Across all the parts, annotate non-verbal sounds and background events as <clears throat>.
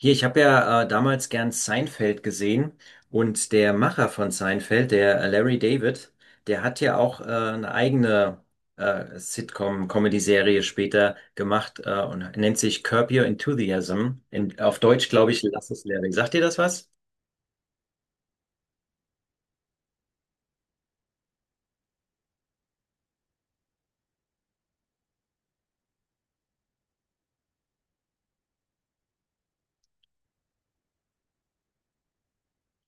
Hier, ich habe ja damals gern Seinfeld gesehen, und der Macher von Seinfeld, der Larry David, der hat ja auch eine eigene Sitcom-Comedy-Serie später gemacht, und nennt sich Curb Your Enthusiasm. Auf Deutsch glaube ich, Lass es Larry. Sagt dir das was?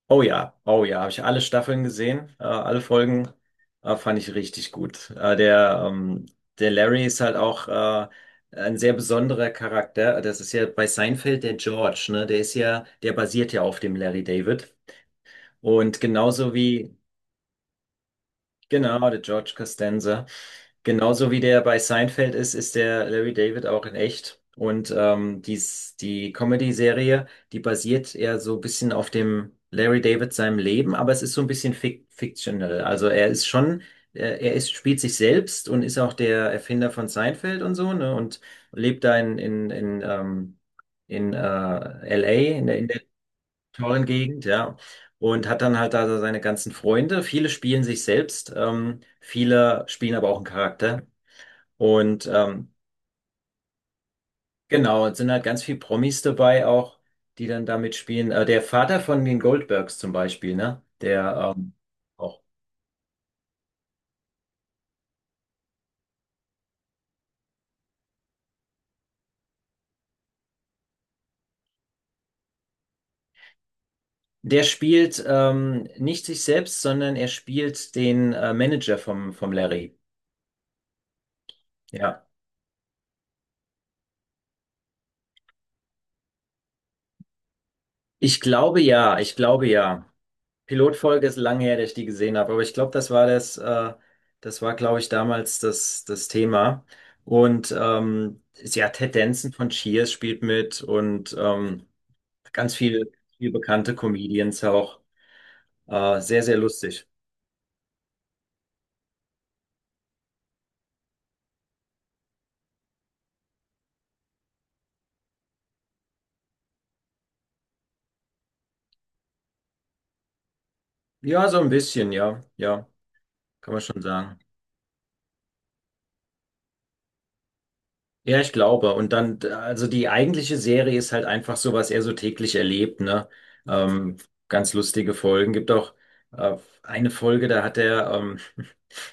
Oh ja, oh ja, habe ich alle Staffeln gesehen, alle Folgen, fand ich richtig gut. Der Larry ist halt auch ein sehr besonderer Charakter. Das ist ja bei Seinfeld der George, ne? Der basiert ja auf dem Larry David. Und genauso wie, genau, der George Costanza. Genauso wie der bei Seinfeld ist, ist der Larry David auch in echt. Und die Comedy-Serie, die basiert eher so ein bisschen auf dem Larry David seinem Leben, aber es ist so ein bisschen fictional. Also er ist schon, spielt sich selbst und ist auch der Erfinder von Seinfeld und so, ne? Und lebt da in LA, in in tollen Gegend, ja. Und hat dann halt da so seine ganzen Freunde. Viele spielen sich selbst, viele spielen aber auch einen Charakter. Und ähm, genau, es sind halt ganz viel Promis dabei auch, die dann da mitspielen. Der Vater von den Goldbergs zum Beispiel, ne? Der Auch. Der spielt nicht sich selbst, sondern er spielt den Manager vom Larry. Ja. Ich glaube ja, ich glaube ja. Pilotfolge ist lange her, dass ich die gesehen habe, aber ich glaube, das war, glaube ich, damals das Thema. Und ja, Ted Danson von Cheers spielt mit, und ganz viel, viel bekannte Comedians auch. Sehr, sehr lustig. Ja, so ein bisschen, ja, ja, kann man schon sagen. Ja, ich glaube. Und dann, also die eigentliche Serie ist halt einfach so, was er so täglich erlebt, ne? Ähm, ganz lustige Folgen. Gibt auch äh, eine Folge, da hat er <laughs>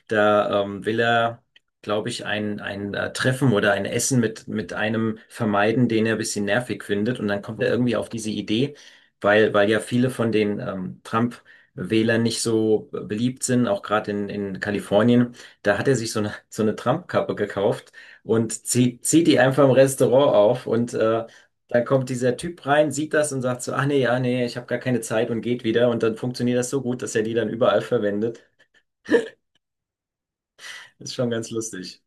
da will er, glaube ich, ein Treffen oder ein Essen mit einem vermeiden, den er ein bisschen nervig findet. Und dann kommt er irgendwie auf diese Idee, weil ja viele von den Trump-Wählern nicht so beliebt sind, auch gerade in Kalifornien. Da hat er sich so eine Trump-Kappe gekauft und zieht die einfach im Restaurant auf, und dann kommt dieser Typ rein, sieht das und sagt so: ah nee, ja, nee, ich habe gar keine Zeit, und geht wieder, und dann funktioniert das so gut, dass er die dann überall verwendet. Ist schon ganz lustig.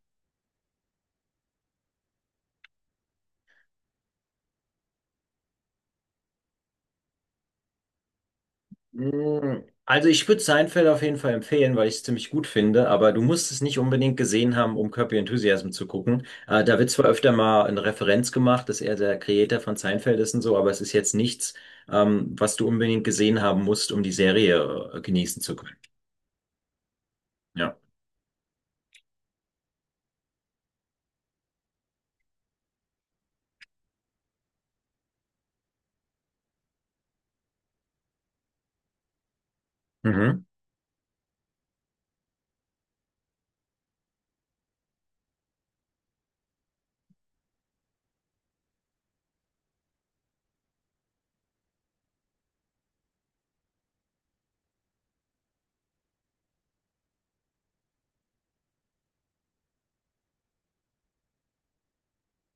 Mm, also ich würde Seinfeld auf jeden Fall empfehlen, weil ich es ziemlich gut finde, aber du musst es nicht unbedingt gesehen haben, um Curb Your Enthusiasm zu gucken. Da wird zwar öfter mal eine Referenz gemacht, dass er der Creator von Seinfeld ist und so, aber es ist jetzt nichts, was du unbedingt gesehen haben musst, um die Serie genießen zu können. Ja. Mhm.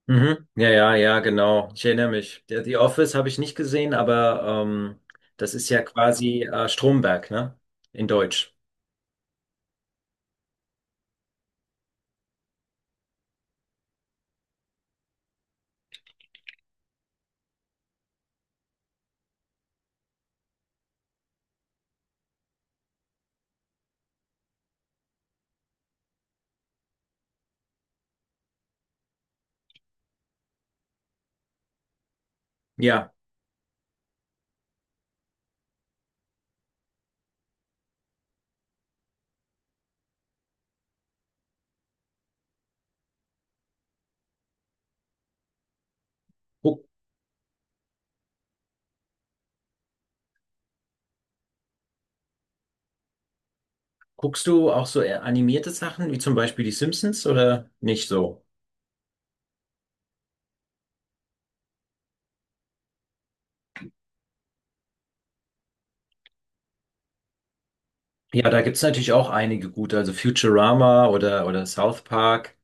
Mhm. Ja, ja, ja, genau. Ich erinnere mich. The Office habe ich nicht gesehen, aber das ist ja quasi Stromberg, ne? In Deutsch. Ja. Guck, Guckst du auch so eher animierte Sachen, wie zum Beispiel die Simpsons oder nicht so? Ja, da gibt's natürlich auch einige gute, also Futurama oder South Park,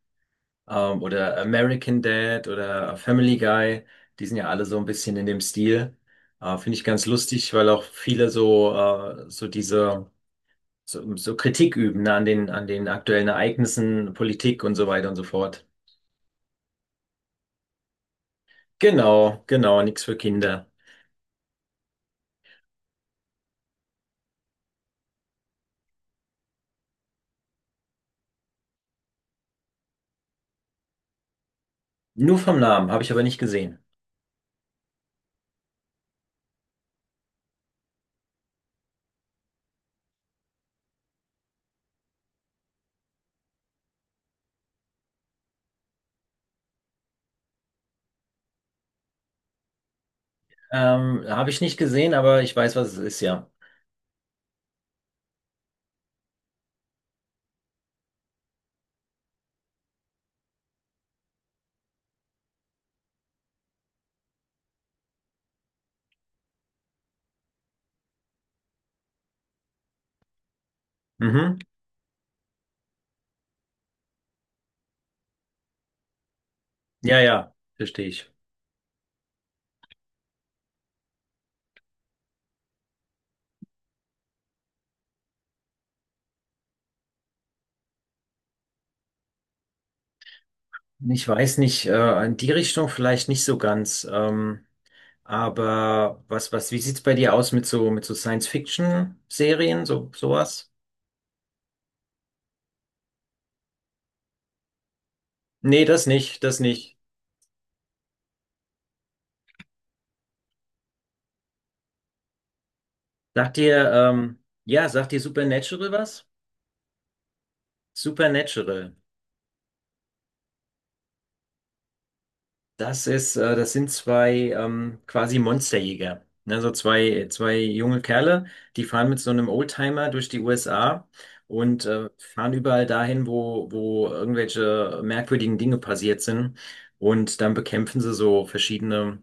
oder American Dad oder Family Guy. Die sind ja alle so ein bisschen in dem Stil. Finde ich ganz lustig, weil auch viele so, so diese, so Kritik üben, ne, an den aktuellen Ereignissen, Politik und so weiter und so fort. Genau, genau, nichts für Kinder. Nur vom Namen, habe ich aber nicht gesehen. Habe ich nicht gesehen, aber ich weiß, was es ist, ja. Mhm. Ja, ja, verstehe ich. Ich weiß nicht, in die Richtung vielleicht nicht so ganz. Aber wie sieht's bei dir aus mit so Science-Fiction-Serien, so, sowas? Nee, das nicht, das nicht. Sagt dir, ja, sagt dir Supernatural was? Supernatural. Das ist, das sind zwei quasi Monsterjäger. Ne? So zwei, zwei junge Kerle, die fahren mit so einem Oldtimer durch die USA, und fahren überall dahin, wo irgendwelche merkwürdigen Dinge passiert sind. Und dann bekämpfen sie so verschiedene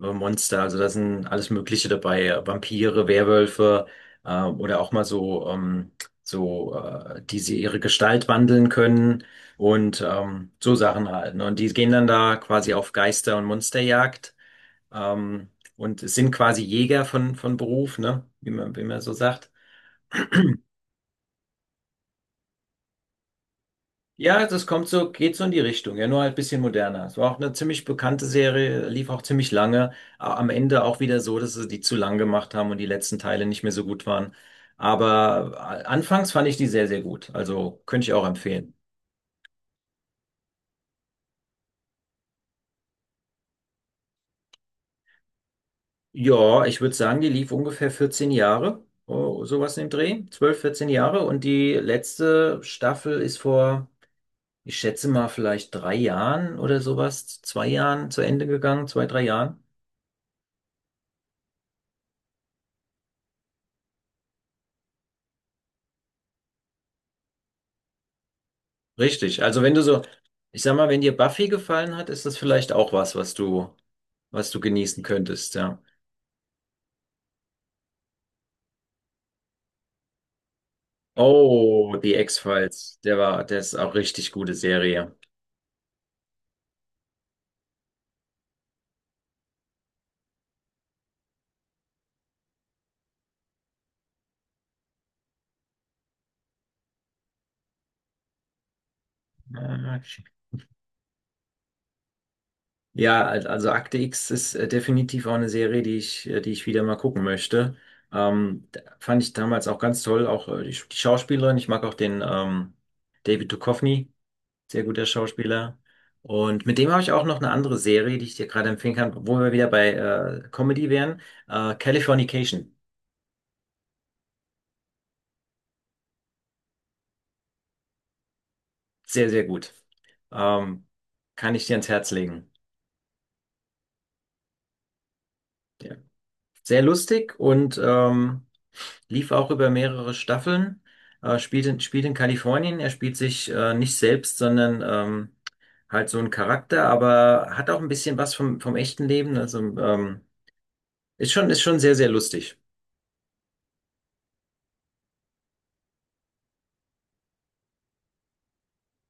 Monster, also da sind alles Mögliche dabei, Vampire, Werwölfe, oder auch mal so, die sie ihre Gestalt wandeln können, und so Sachen halt. Ne? Und die gehen dann da quasi auf Geister- und Monsterjagd, ähm, und sind quasi Jäger von Beruf, ne? Wie man so sagt. <clears throat> Ja, das kommt so, geht so in die Richtung, ja, nur halt ein bisschen moderner. Es war auch eine ziemlich bekannte Serie, lief auch ziemlich lange. Am Ende auch wieder so, dass sie die zu lang gemacht haben und die letzten Teile nicht mehr so gut waren. Aber anfangs fand ich die sehr, sehr gut. Also könnte ich auch empfehlen. Ja, ich würde sagen, die lief ungefähr 14 Jahre, oh, sowas in dem Dreh. 12, 14 Jahre. Und die letzte Staffel ist vor, ich schätze mal, vielleicht drei Jahren oder sowas, zwei Jahren zu Ende gegangen, zwei, drei Jahren. Richtig. Also wenn du so, ich sag mal, wenn dir Buffy gefallen hat, ist das vielleicht auch was, was du genießen könntest, ja. Oh, die X-Files, der war, der ist auch richtig gute Serie. Ja, also Akte X ist definitiv auch eine Serie, die ich wieder mal gucken möchte. Fand ich damals auch ganz toll, auch die Schauspielerin. Ich mag auch den David Duchovny. Sehr guter Schauspieler. Und mit dem habe ich auch noch eine andere Serie, die ich dir gerade empfehlen kann, wo wir wieder bei Comedy wären. Californication. Sehr, sehr gut. Ähm, kann ich dir ans Herz legen. Ja. Sehr lustig und lief auch über mehrere Staffeln. Spielt in, spielt in Kalifornien. Er spielt sich nicht selbst, sondern halt so einen Charakter, aber hat auch ein bisschen was vom echten Leben. Also ist schon sehr, sehr lustig.